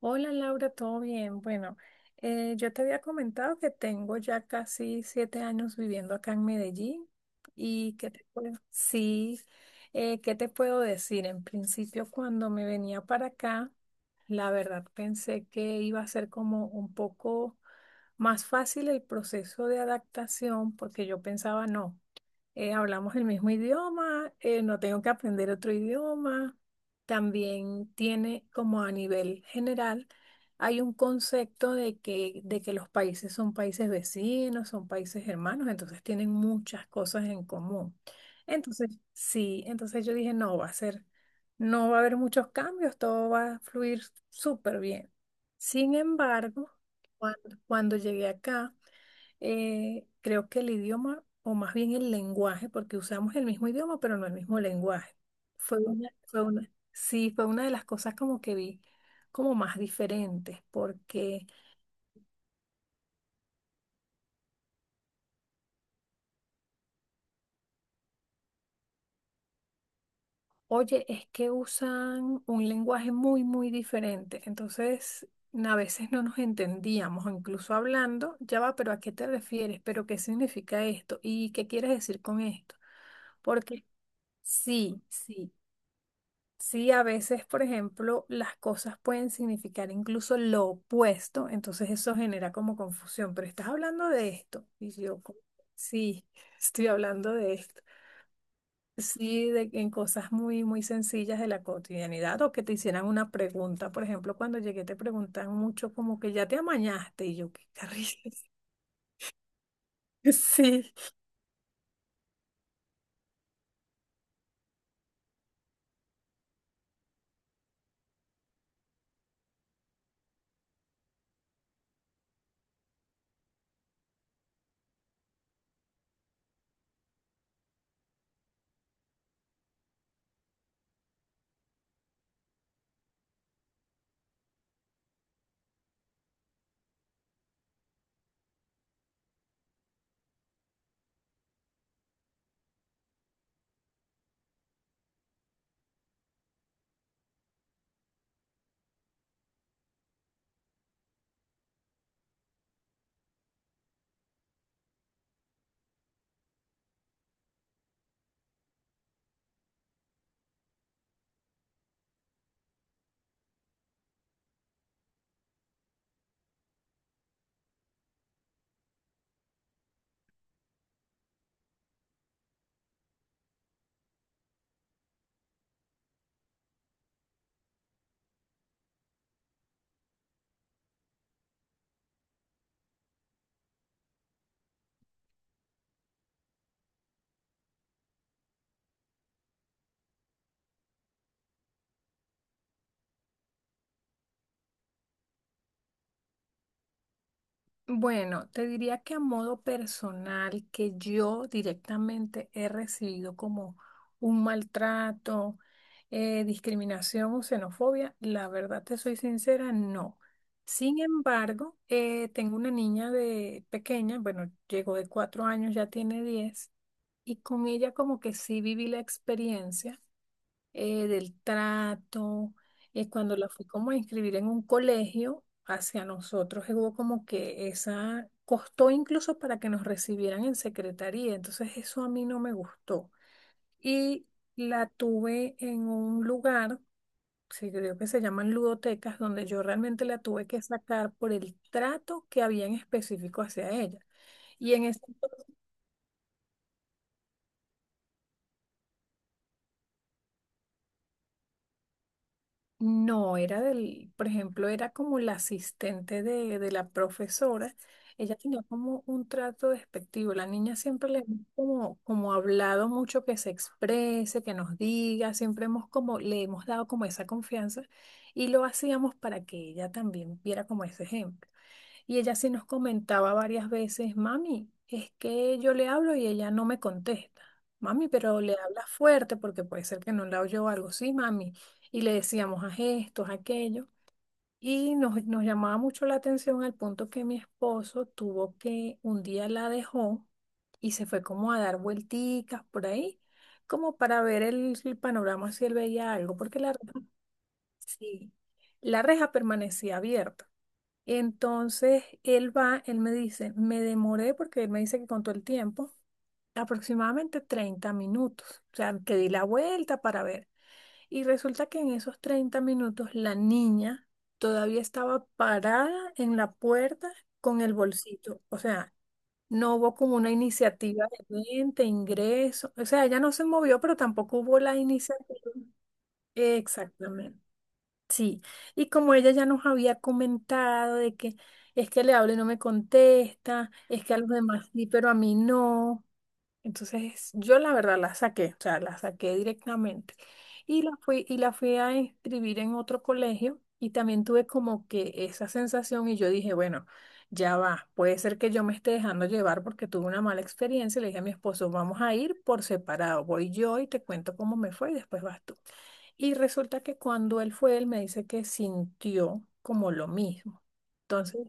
Hola Laura, ¿todo bien? Bueno, yo te había comentado que tengo ya casi 7 años viviendo acá en Medellín y que te puedo, sí, ¿qué te puedo decir? En principio, cuando me venía para acá, la verdad pensé que iba a ser como un poco más fácil el proceso de adaptación porque yo pensaba, no, hablamos el mismo idioma, no tengo que aprender otro idioma también tiene como a nivel general, hay un concepto de que los países son países vecinos, son países hermanos, entonces tienen muchas cosas en común. Entonces, sí, entonces yo dije, no, va a ser, no va a haber muchos cambios, todo va a fluir súper bien. Sin embargo, cuando llegué acá, creo que el idioma, o más bien el lenguaje, porque usamos el mismo idioma, pero no el mismo lenguaje. Fue una, fue una- Sí, fue una de las cosas como que vi como más diferentes, porque, oye, es que usan un lenguaje muy, muy diferente. Entonces, a veces no nos entendíamos, o incluso hablando, ya va, pero ¿a qué te refieres? ¿Pero qué significa esto? ¿Y qué quieres decir con esto? Porque sí, sí. Sí, a veces, por ejemplo, las cosas pueden significar incluso lo opuesto, entonces eso genera como confusión, pero estás hablando de esto. Y yo, como, sí, estoy hablando de esto. Sí, de, en cosas muy, muy sencillas de la cotidianidad o que te hicieran una pregunta. Por ejemplo, cuando llegué te preguntan mucho como que ya te amañaste y yo, qué carriles. Sí, bueno, te diría que a modo personal, que yo directamente he recibido como un maltrato, discriminación o xenofobia, la verdad te soy sincera, no. Sin embargo, tengo una niña de pequeña, bueno, llegó de 4 años, ya tiene 10, y con ella como que sí viví la experiencia del trato. Cuando la fui como a inscribir en un colegio, hacia nosotros hubo como que esa, costó incluso para que nos recibieran en secretaría, entonces eso a mí no me gustó. Y la tuve en un lugar, sí, creo que se llaman ludotecas, donde yo realmente la tuve que sacar por el trato que había en específico hacia ella. Y en ese no, era del, por ejemplo, era como la asistente de la profesora. Ella tenía como un trato despectivo. La niña siempre le hemos como, como hablado mucho que se exprese, que nos diga. Siempre hemos como, le hemos dado como esa confianza y lo hacíamos para que ella también viera como ese ejemplo. Y ella sí nos comentaba varias veces, mami, es que yo le hablo y ella no me contesta. Mami, pero le hablas fuerte porque puede ser que no la oyó o algo. Sí, mami. Y le decíamos a gestos, a aquello. Y nos llamaba mucho la atención al punto que mi esposo tuvo que, un día la dejó y se fue como a dar vuelticas por ahí, como para ver el panorama si él veía algo, porque sí, la reja permanecía abierta. Entonces él va, él me dice, me demoré porque él me dice que contó el tiempo, aproximadamente 30 minutos. O sea, que di la vuelta para ver. Y resulta que en esos 30 minutos la niña todavía estaba parada en la puerta con el bolsito. O sea, no hubo como una iniciativa de vente, ingreso. O sea, ella no se movió, pero tampoco hubo la iniciativa. Exactamente. Sí, y como ella ya nos había comentado de que es que le hablo y no me contesta, es que a los demás sí, pero a mí no. Entonces yo la verdad la saqué, o sea, la saqué directamente. Y la fui a inscribir en otro colegio y también tuve como que esa sensación y yo dije, bueno, ya va, puede ser que yo me esté dejando llevar porque tuve una mala experiencia y le dije a mi esposo, vamos a ir por separado, voy yo y te cuento cómo me fue y después vas tú. Y resulta que cuando él fue, él me dice que sintió como lo mismo. Entonces,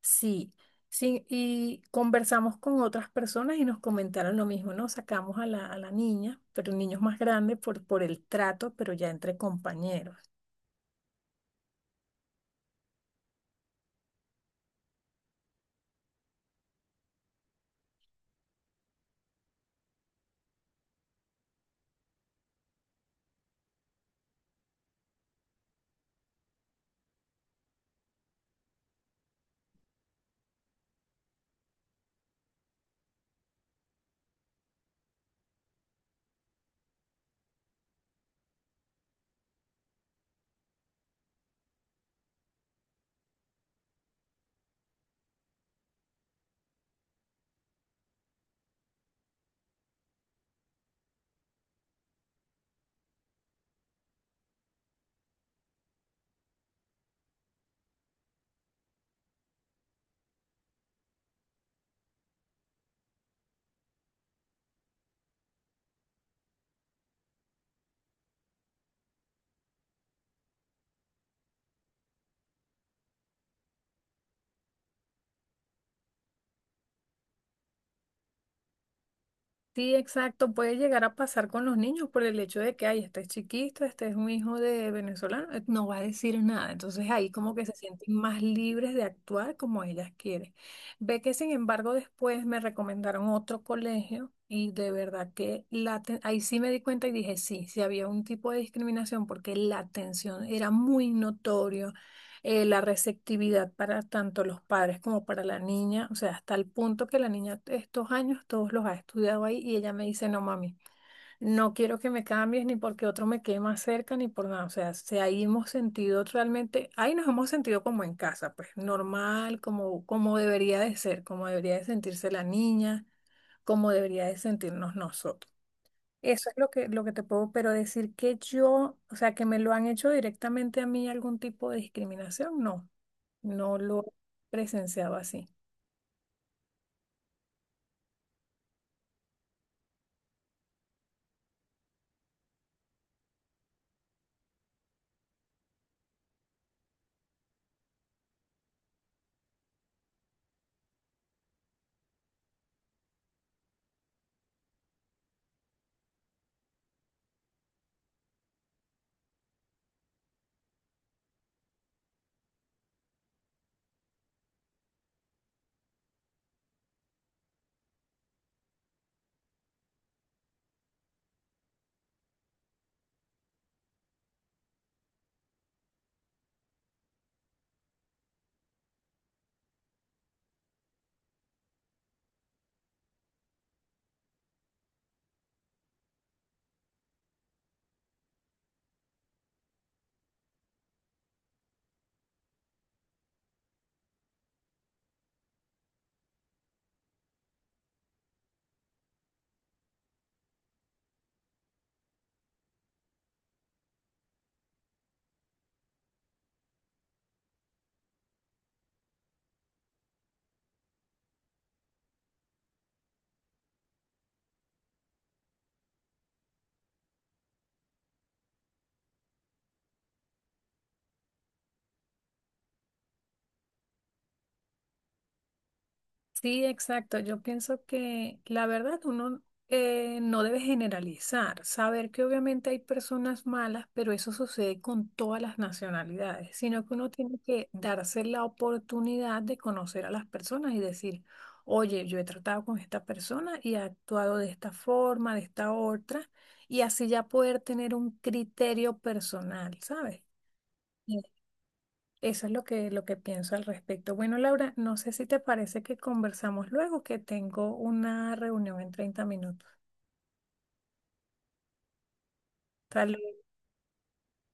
sí, sí, y conversamos con otras personas y nos comentaron lo mismo, ¿no? Sacamos a la niña, pero el niño es más grande por el trato, pero ya entre compañeros. Sí, exacto. Puede llegar a pasar con los niños por el hecho de que, ay, este es chiquito, este es un hijo de venezolano, no va a decir nada. Entonces ahí como que se sienten más libres de actuar como ellas quieren. Ve que sin embargo después me recomendaron otro colegio y de verdad que ahí sí me di cuenta y dije, sí, sí había un tipo de discriminación porque la atención era muy notorio, la receptividad para tanto los padres como para la niña, o sea, hasta el punto que la niña estos años todos los ha estudiado ahí y ella me dice, no mami, no quiero que me cambies ni porque otro me quede más cerca ni por nada, o sea, se ahí hemos sentido realmente, ahí nos hemos sentido como en casa, pues normal, como, como debería de ser, como debería de sentirse la niña, como debería de sentirnos nosotros. Eso es lo que te puedo, pero decir que yo, o sea, que me lo han hecho directamente a mí algún tipo de discriminación, no, no lo he presenciado así. Sí, exacto. Yo pienso que la verdad uno no debe generalizar, saber que obviamente hay personas malas, pero eso sucede con todas las nacionalidades, sino que uno tiene que darse la oportunidad de conocer a las personas y decir, oye, yo he tratado con esta persona y he actuado de esta forma, de esta otra, y así ya poder tener un criterio personal, ¿sabes? Eso es lo que pienso al respecto. Bueno, Laura, no sé si te parece que conversamos luego, que tengo una reunión en 30 minutos. Tal